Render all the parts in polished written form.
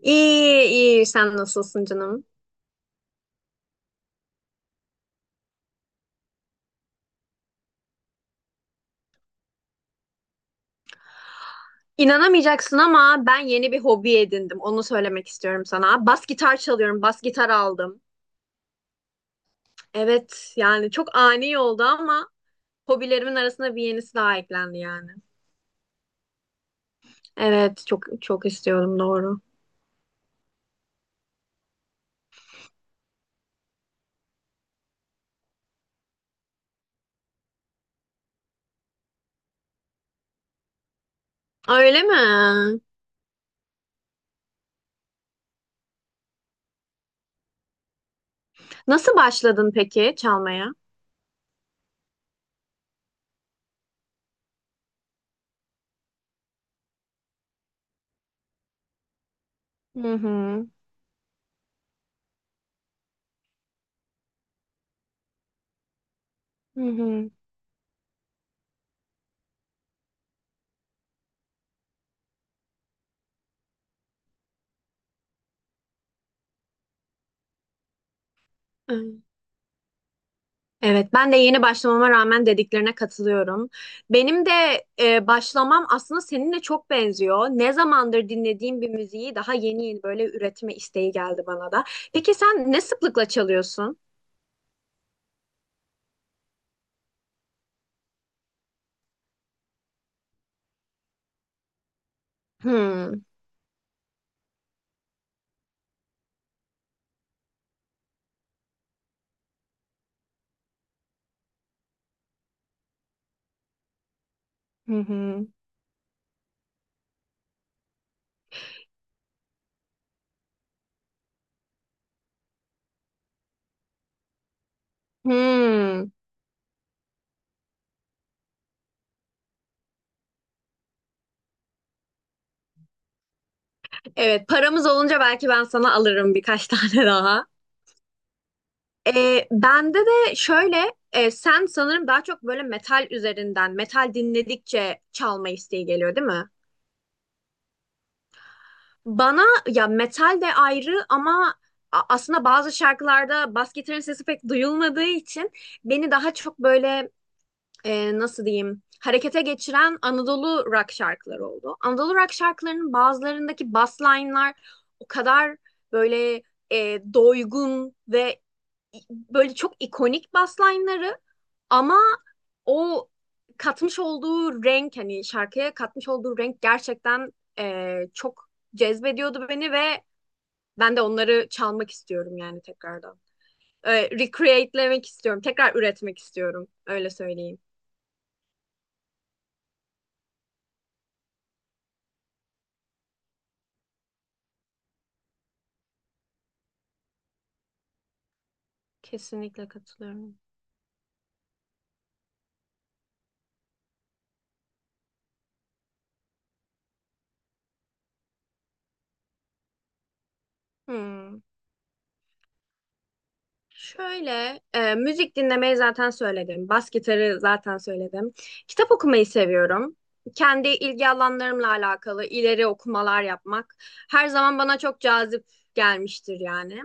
İyi, iyi. Sen nasılsın canım? İnanamayacaksın ama ben yeni bir hobi edindim. Onu söylemek istiyorum sana. Bas gitar çalıyorum. Bas gitar aldım. Evet, yani çok ani oldu ama hobilerimin arasında bir yenisi daha eklendi yani. Evet, çok çok istiyorum doğru. Öyle mi? Nasıl başladın peki çalmaya? Hı hı. Hı hı. Evet, ben de yeni başlamama rağmen dediklerine katılıyorum. Benim de başlamam aslında seninle çok benziyor. Ne zamandır dinlediğim bir müziği daha yeni yeni böyle üretme isteği geldi bana da. Peki sen ne sıklıkla çalıyorsun? Hmm. Hı hı. Hmm. Evet, paramız olunca belki ben sana alırım birkaç tane daha. Bende de şöyle sen sanırım daha çok böyle metal üzerinden, metal dinledikçe çalma isteği geliyor, değil mi? Bana ya metal de ayrı ama aslında bazı şarkılarda bas gitarın sesi pek duyulmadığı için beni daha çok böyle nasıl diyeyim harekete geçiren Anadolu rock şarkıları oldu. Anadolu rock şarkılarının bazılarındaki bass line'lar o kadar böyle doygun ve böyle çok ikonik bass line'ları ama o katmış olduğu renk hani şarkıya katmış olduğu renk gerçekten çok cezbediyordu beni ve ben de onları çalmak istiyorum yani tekrardan. Recreate'lemek istiyorum. Tekrar üretmek istiyorum. Öyle söyleyeyim. Kesinlikle katılıyorum. Hmm. Şöyle, müzik dinlemeyi zaten söyledim. Bas gitarı zaten söyledim. Kitap okumayı seviyorum. Kendi ilgi alanlarımla alakalı ileri okumalar yapmak her zaman bana çok cazip gelmiştir yani.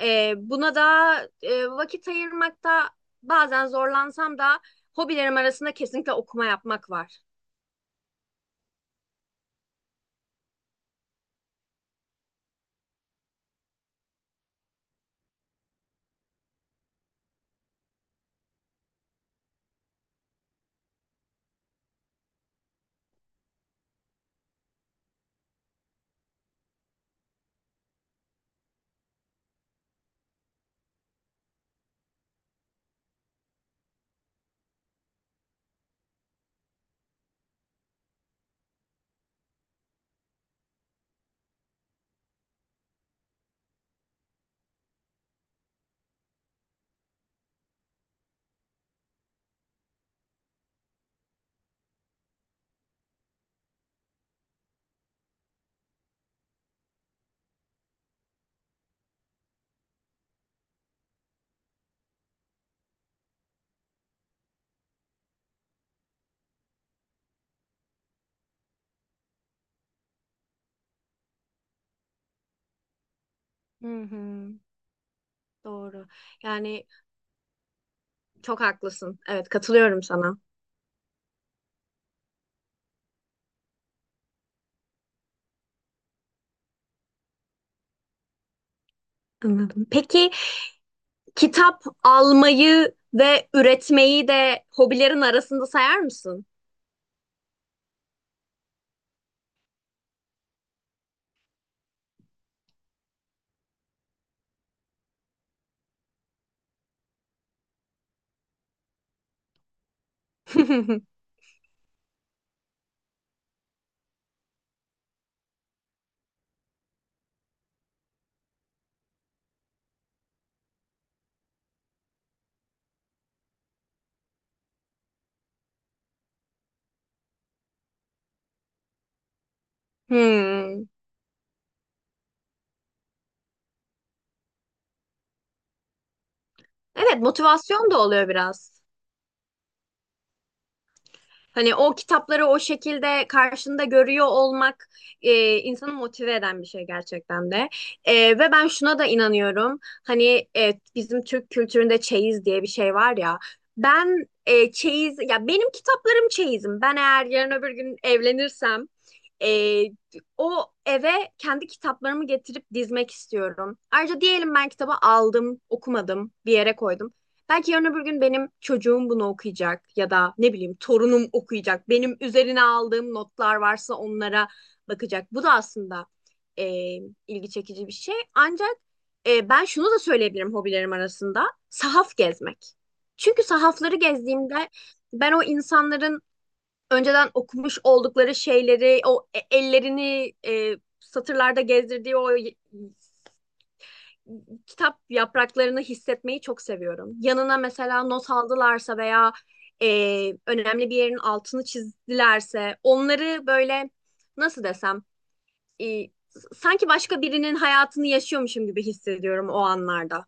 Buna da vakit ayırmakta bazen zorlansam da hobilerim arasında kesinlikle okuma yapmak var. Hı hı, doğru. Yani çok haklısın. Evet, katılıyorum sana. Anladım. Peki, kitap almayı ve üretmeyi de hobilerin arasında sayar mısın? Hmm. Evet, motivasyon da oluyor biraz. Hani o kitapları o şekilde karşında görüyor olmak insanı motive eden bir şey gerçekten de. Ve ben şuna da inanıyorum. Hani bizim Türk kültüründe çeyiz diye bir şey var ya. Ben çeyiz, ya benim kitaplarım çeyizim. Ben eğer yarın öbür gün evlenirsem e, o eve kendi kitaplarımı getirip dizmek istiyorum. Ayrıca diyelim ben kitabı aldım, okumadım, bir yere koydum. Belki yarın öbür gün benim çocuğum bunu okuyacak ya da ne bileyim torunum okuyacak. Benim üzerine aldığım notlar varsa onlara bakacak. Bu da aslında e, ilgi çekici bir şey. Ancak ben şunu da söyleyebilirim hobilerim arasında. Sahaf gezmek. Çünkü sahafları gezdiğimde ben o insanların önceden okumuş oldukları şeyleri, o ellerini satırlarda gezdirdiği o kitap yapraklarını hissetmeyi çok seviyorum. Yanına mesela not aldılarsa veya e, önemli bir yerin altını çizdilerse onları böyle nasıl desem, e, sanki başka birinin hayatını yaşıyormuşum gibi hissediyorum o anlarda.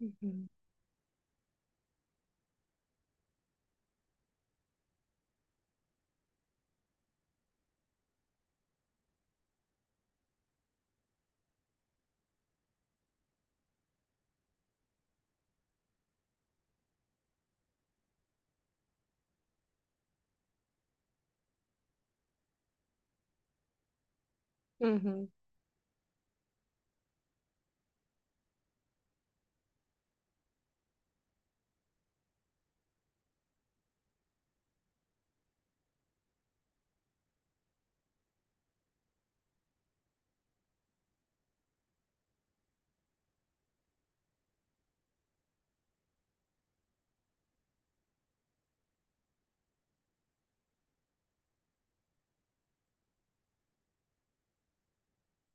Hı hı. Hı hı.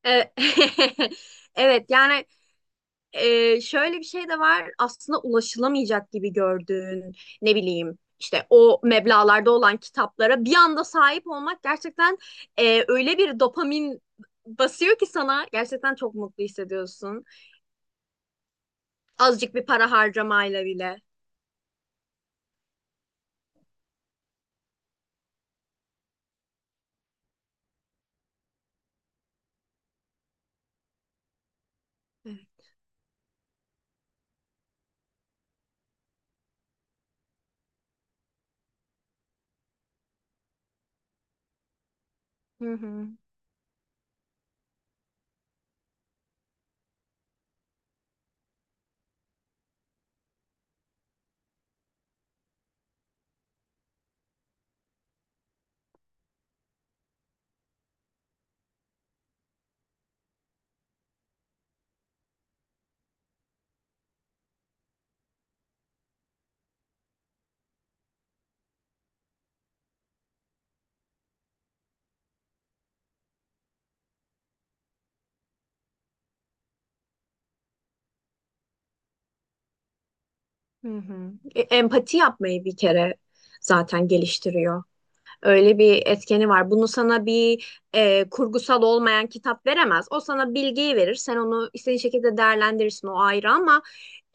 E, Evet, yani şöyle bir şey de var aslında. Ulaşılamayacak gibi gördüğün ne bileyim işte o meblağlarda olan kitaplara bir anda sahip olmak gerçekten öyle bir dopamin basıyor ki sana, gerçekten çok mutlu hissediyorsun. Azıcık bir para harcamayla bile. Evet. Hı hı. Hı hı. Empati yapmayı bir kere zaten geliştiriyor. Öyle bir etkeni var. Bunu sana bir kurgusal olmayan kitap veremez. O sana bilgiyi verir. Sen onu istediğin şekilde değerlendirirsin o ayrı ama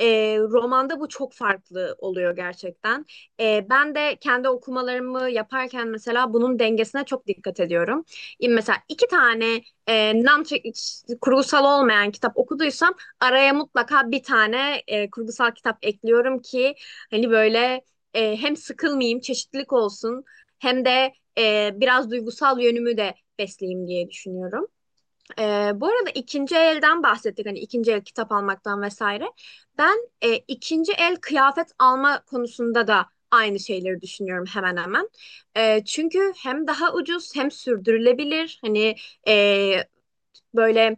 romanda bu çok farklı oluyor gerçekten. Ben de kendi okumalarımı yaparken mesela bunun dengesine çok dikkat ediyorum. Mesela iki tane non kurgusal olmayan kitap okuduysam araya mutlaka bir tane kurgusal kitap ekliyorum ki hani böyle hem sıkılmayayım, çeşitlilik olsun hem de biraz duygusal yönümü de besleyeyim diye düşünüyorum. Bu arada ikinci elden bahsettik, hani ikinci el kitap almaktan vesaire. Ben ikinci el kıyafet alma konusunda da aynı şeyleri düşünüyorum hemen hemen. Çünkü hem daha ucuz hem sürdürülebilir. Hani e, böyle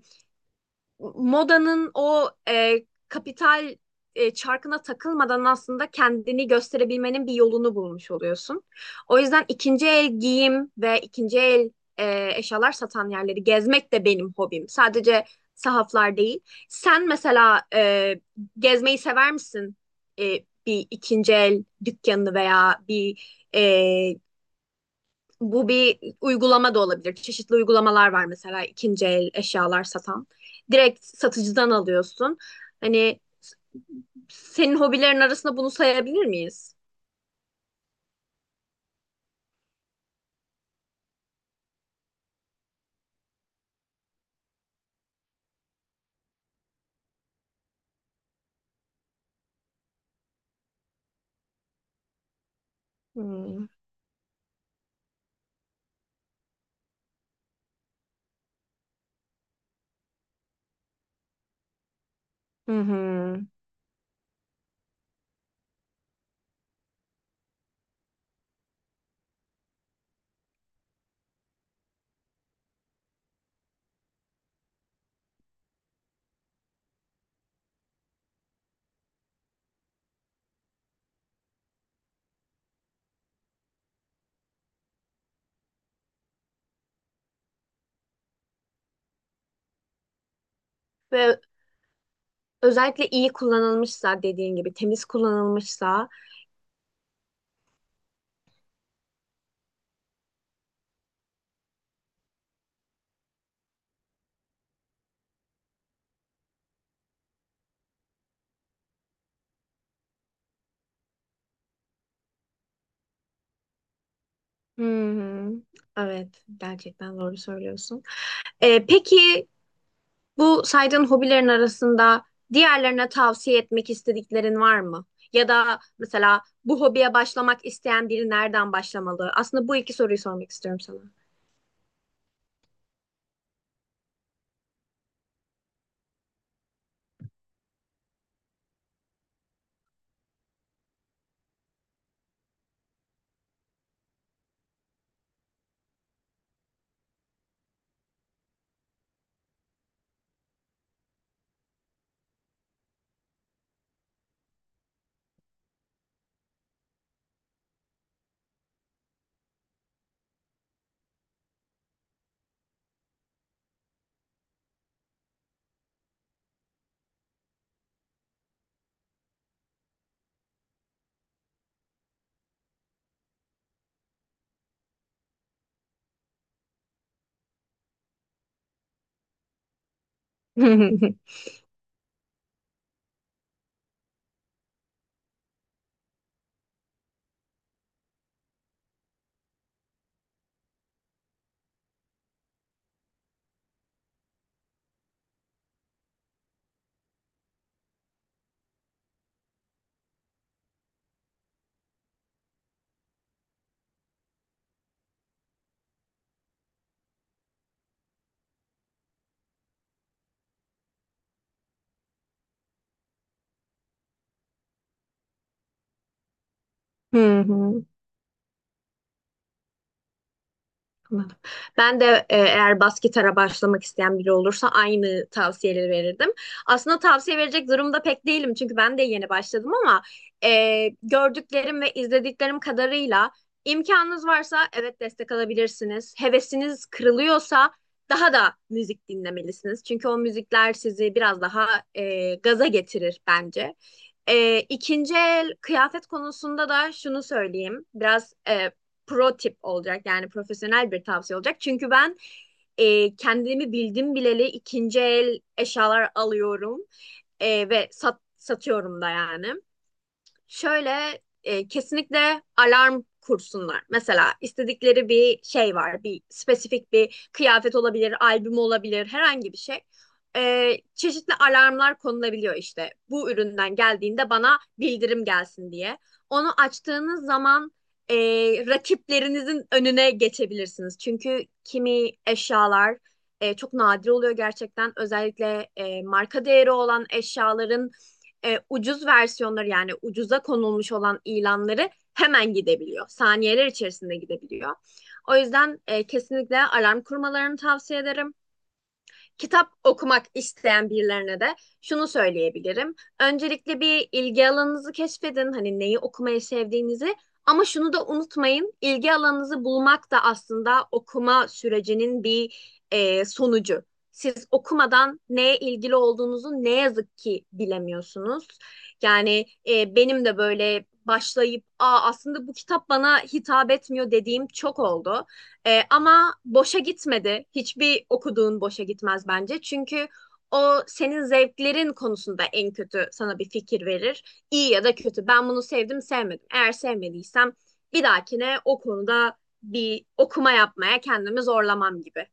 modanın o kapital çarkına takılmadan aslında kendini gösterebilmenin bir yolunu bulmuş oluyorsun. O yüzden ikinci el giyim ve ikinci el eşyalar satan yerleri gezmek de benim hobim. Sadece sahaflar değil. Sen mesela gezmeyi sever misin? E, Bir ikinci el dükkanını veya bir bu bir uygulama da olabilir. Çeşitli uygulamalar var mesela ikinci el eşyalar satan. Direkt satıcıdan alıyorsun. Hani senin hobilerin arasında bunu sayabilir miyiz? Hmm. Hı hı. Ve özellikle iyi kullanılmışsa, dediğin gibi temiz kullanılmışsa. Hı hı. Evet, gerçekten doğru söylüyorsun. Peki bu saydığın hobilerin arasında diğerlerine tavsiye etmek istediklerin var mı? Ya da mesela bu hobiye başlamak isteyen biri nereden başlamalı? Aslında bu iki soruyu sormak istiyorum sana. Anladım. Ben de eğer bas gitara başlamak isteyen biri olursa aynı tavsiyeleri verirdim. Aslında tavsiye verecek durumda pek değilim çünkü ben de yeni başladım ama gördüklerim ve izlediklerim kadarıyla imkanınız varsa evet destek alabilirsiniz. Hevesiniz kırılıyorsa daha da müzik dinlemelisiniz. Çünkü o müzikler sizi biraz daha gaza getirir bence. İkinci el kıyafet konusunda da şunu söyleyeyim. Biraz pro tip olacak yani profesyonel bir tavsiye olacak. Çünkü ben kendimi bildim bileli ikinci el eşyalar alıyorum. Ve sat, satıyorum da yani. Şöyle, kesinlikle alarm kursunlar. Mesela istedikleri bir şey var, bir spesifik bir kıyafet olabilir, albüm olabilir, herhangi bir şey. Çeşitli alarmlar konulabiliyor işte. Bu üründen geldiğinde bana bildirim gelsin diye. Onu açtığınız zaman e, rakiplerinizin önüne geçebilirsiniz. Çünkü kimi eşyalar çok nadir oluyor gerçekten. Özellikle marka değeri olan eşyaların ucuz versiyonları yani ucuza konulmuş olan ilanları hemen gidebiliyor. Saniyeler içerisinde gidebiliyor. O yüzden kesinlikle alarm kurmalarını tavsiye ederim. Kitap okumak isteyen birilerine de şunu söyleyebilirim. Öncelikle bir ilgi alanınızı keşfedin. Hani neyi okumayı sevdiğinizi. Ama şunu da unutmayın. İlgi alanınızı bulmak da aslında okuma sürecinin bir sonucu. Siz okumadan neye ilgili olduğunuzu ne yazık ki bilemiyorsunuz. Yani benim de böyle başlayıp "Aa, aslında bu kitap bana hitap etmiyor" dediğim çok oldu. Ama boşa gitmedi. Hiçbir okuduğun boşa gitmez bence. Çünkü o senin zevklerin konusunda en kötü sana bir fikir verir. İyi ya da kötü. Ben bunu sevdim, sevmedim. Eğer sevmediysem bir dahakine o konuda bir okuma yapmaya kendimi zorlamam gibi.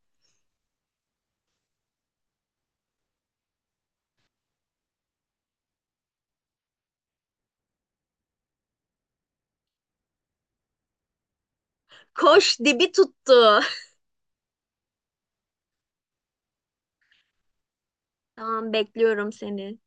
Koş, dibi tuttu. Tamam, bekliyorum seni.